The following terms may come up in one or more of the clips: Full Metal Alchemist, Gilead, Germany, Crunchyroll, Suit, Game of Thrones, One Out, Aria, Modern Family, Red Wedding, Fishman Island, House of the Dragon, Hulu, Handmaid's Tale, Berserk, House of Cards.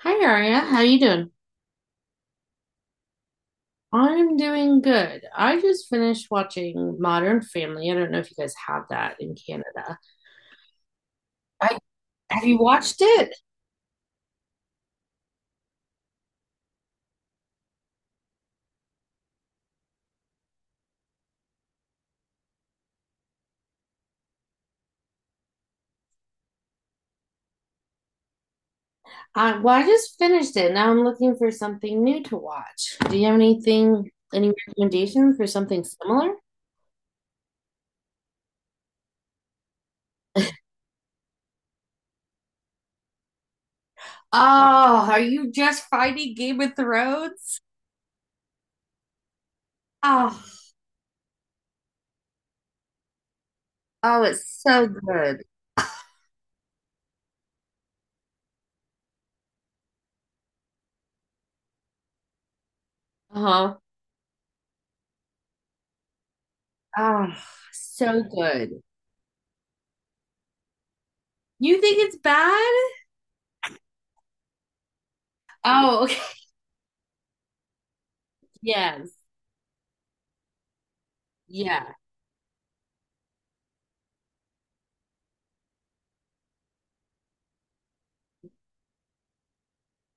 Hi Aria, how you doing? I'm doing good. I just finished watching Modern Family. I don't know if you guys have that in Canada. I have you watched it? I just finished it. Now I'm looking for something new to watch. Do you have anything, any recommendations for something similar? Oh, are you just fighting Game of Thrones? Oh, oh, it's so good. Uh-huh. Oh, so good. You think it's bad? Oh, okay. Yes. Yeah.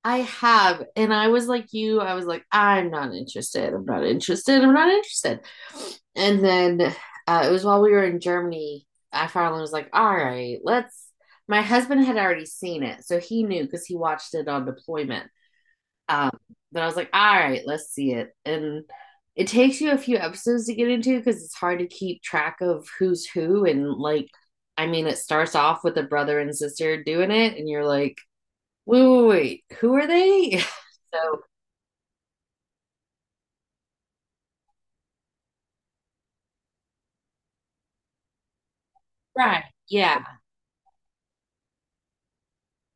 I have. And I was like you, I was like, I'm not interested. I'm not interested. I'm not interested. And then it was while we were in Germany, I finally was like, all right, let's. My husband had already seen it. So he knew because he watched it on deployment. Um, but I was like, all right, let's see it. And it takes you a few episodes to get into because it's hard to keep track of who's who. And like, I mean, it starts off with a brother and sister doing it, and you're like, Wait, wait, wait. Who are they? So, right. Yeah.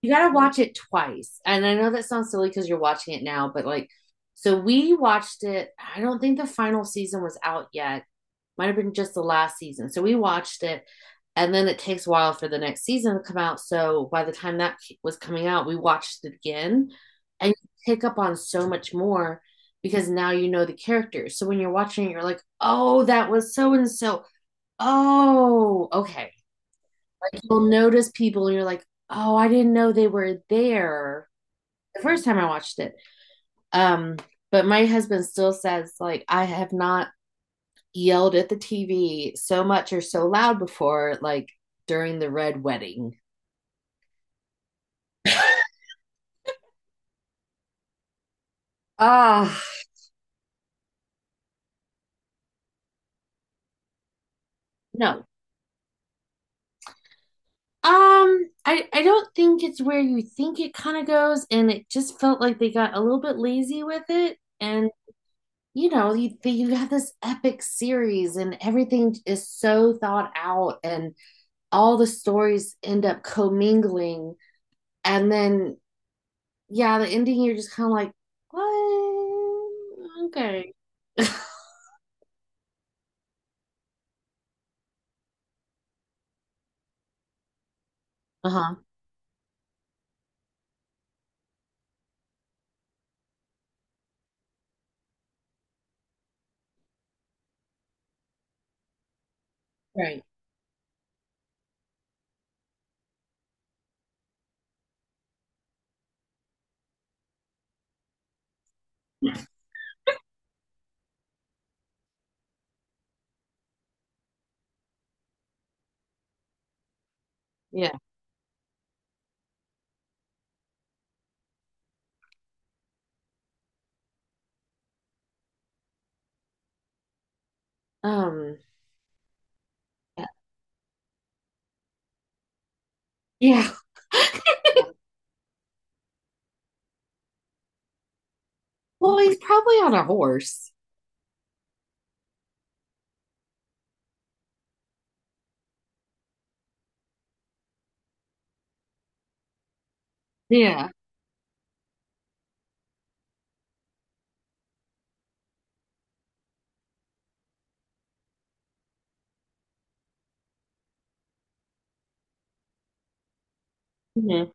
You got to watch it twice. And I know that sounds silly because you're watching it now, but like, so we watched it. I don't think the final season was out yet. Might have been just the last season. So we watched it. And then it takes a while for the next season to come out. So by the time that was coming out, we watched it again. And you pick up on so much more because now you know the characters. So when you're watching it, you're like, oh, that was so and so. Oh, okay. You'll notice people and you're like, oh, I didn't know they were there the first time I watched it. Um, but my husband still says, like, I have not yelled at the TV so much or so loud before, like during the red wedding. Ah, uh, no. I don't think it's where you think it kind of goes, and it just felt like they got a little bit lazy with it. And you know, you have this epic series, and everything is so thought out, and all the stories end up commingling. And then, yeah, the ending, you're just kind of like, what? Okay. Uh-huh. Right. Yeah. Um, yeah. Well, he's probably on a horse. Yeah. Mhm.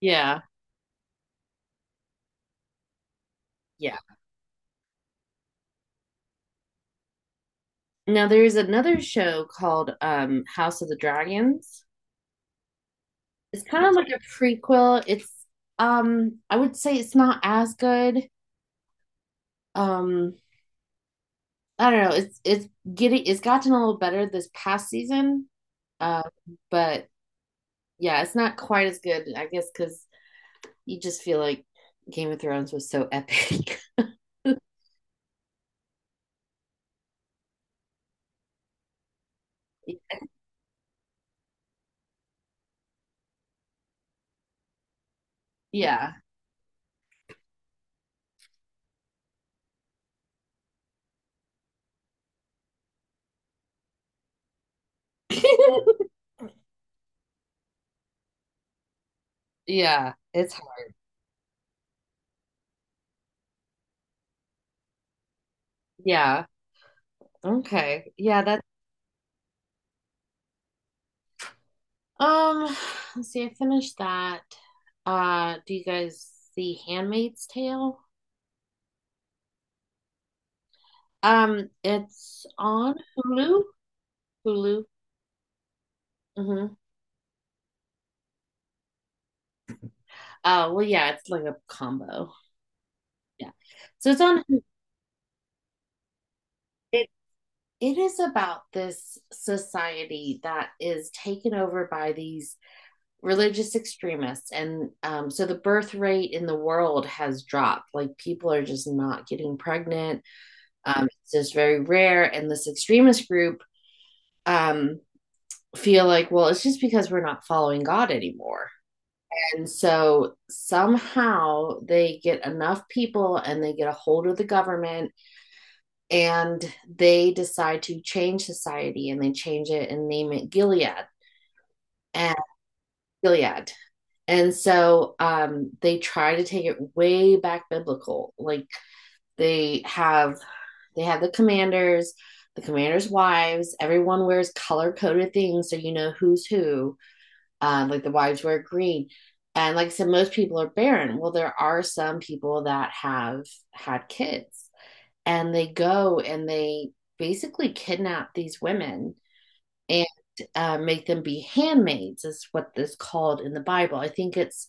Yeah. Yeah. Now there's another show called House of the Dragons. It's kind of like a prequel. It's I would say it's not as good. Um I don't know. It's getting it's gotten a little better this past season. Uh, but yeah, it's not quite as good, I guess, because you just feel like Game of Thrones was so epic. Yeah. Yeah, it's hard. Yeah. Okay. Yeah, that um let's see, I finished that. Do you guys see Handmaid's Tale? It's on Hulu. Hulu. Mm-hmm. Well yeah, it's like a combo. Yeah. So it's on it it is about this society that is taken over by these religious extremists and so the birth rate in the world has dropped like people are just not getting pregnant, it's just very rare. And this extremist group, um, feel like well it's just because we're not following god anymore. And so somehow they get enough people and they get a hold of the government, and they decide to change society and they change it and name it Gilead. and Gilead. And so they try to take it way back biblical. Like they have they have the commanders' wives. Everyone wears color coded things so you know who's who. Like the wives wear green. And like I said, most people are barren. Well, there are some people that have had kids and they go and they basically kidnap these women, and make them be handmaids is what is called in the bible. I think it's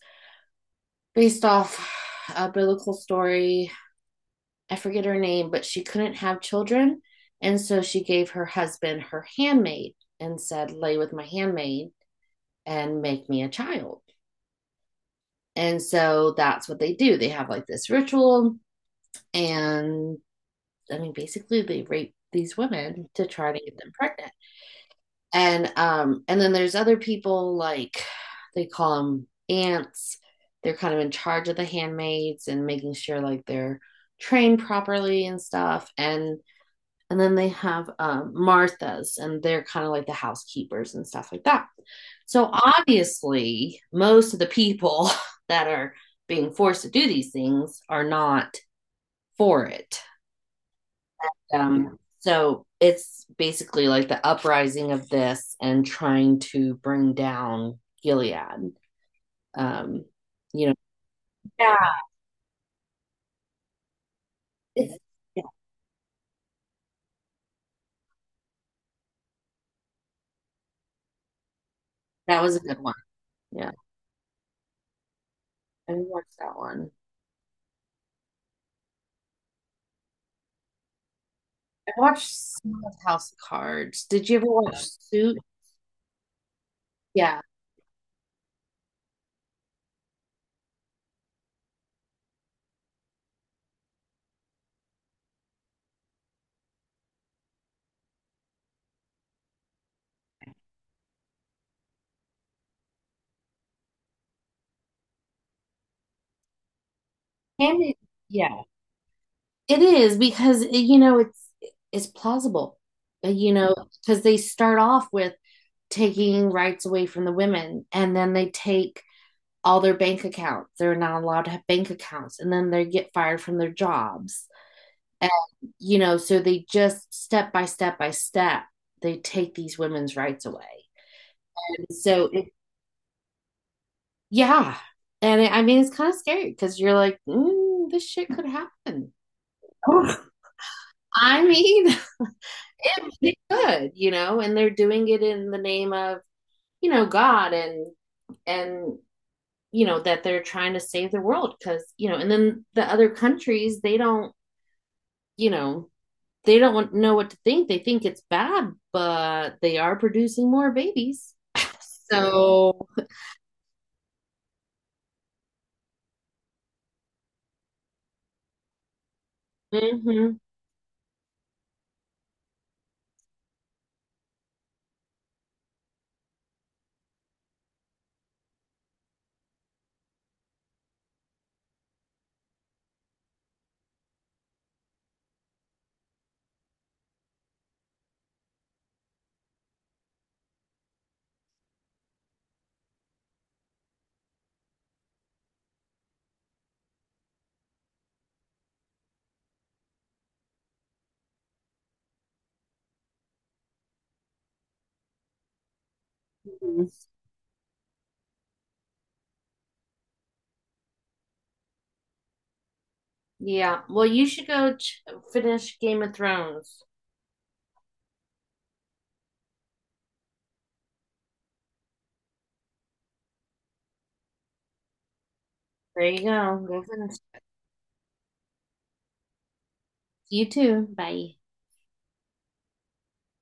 based off a biblical story. I forget her name, but she couldn't have children, and so she gave her husband her handmaid and said lay with my handmaid and make me a child. And so that's what they do, they have like this ritual. And I mean basically they rape these women to try to get them pregnant. And and then there's other people like they call them aunts, they're kind of in charge of the handmaids and making sure like they're trained properly and stuff. And then they have marthas, and they're kind of like the housekeepers and stuff like that. So obviously most of the people that are being forced to do these things are not for it. So it's basically like the uprising of this and trying to bring down Gilead. Um, you know, yeah, it's, yeah, that was a good one. Yeah, I watched that one. I watched some of House of Cards. Did you ever watch Suit? Yeah, Candy. Yeah, it is because you know it's plausible. You know, because they start off with taking rights away from the women, and then they take all their bank accounts. They're not allowed to have bank accounts. And then they get fired from their jobs. And, you know, so they just step by step by step, they take these women's rights away. so, it, yeah. I mean, it's kind of scary because you're like, mm, this shit could happen. I mean, it could, you know, and they're doing it in the name of, you know, God and, you know, that they're trying to save the world because, you know. And then the other countries, they don't, you know, they don't want, know what to think. They think it's bad, but they are producing more babies. So, mhm, mhm, yeah. Well, you should go finish Game of Thrones. There you go. Go finish. You too. Bye.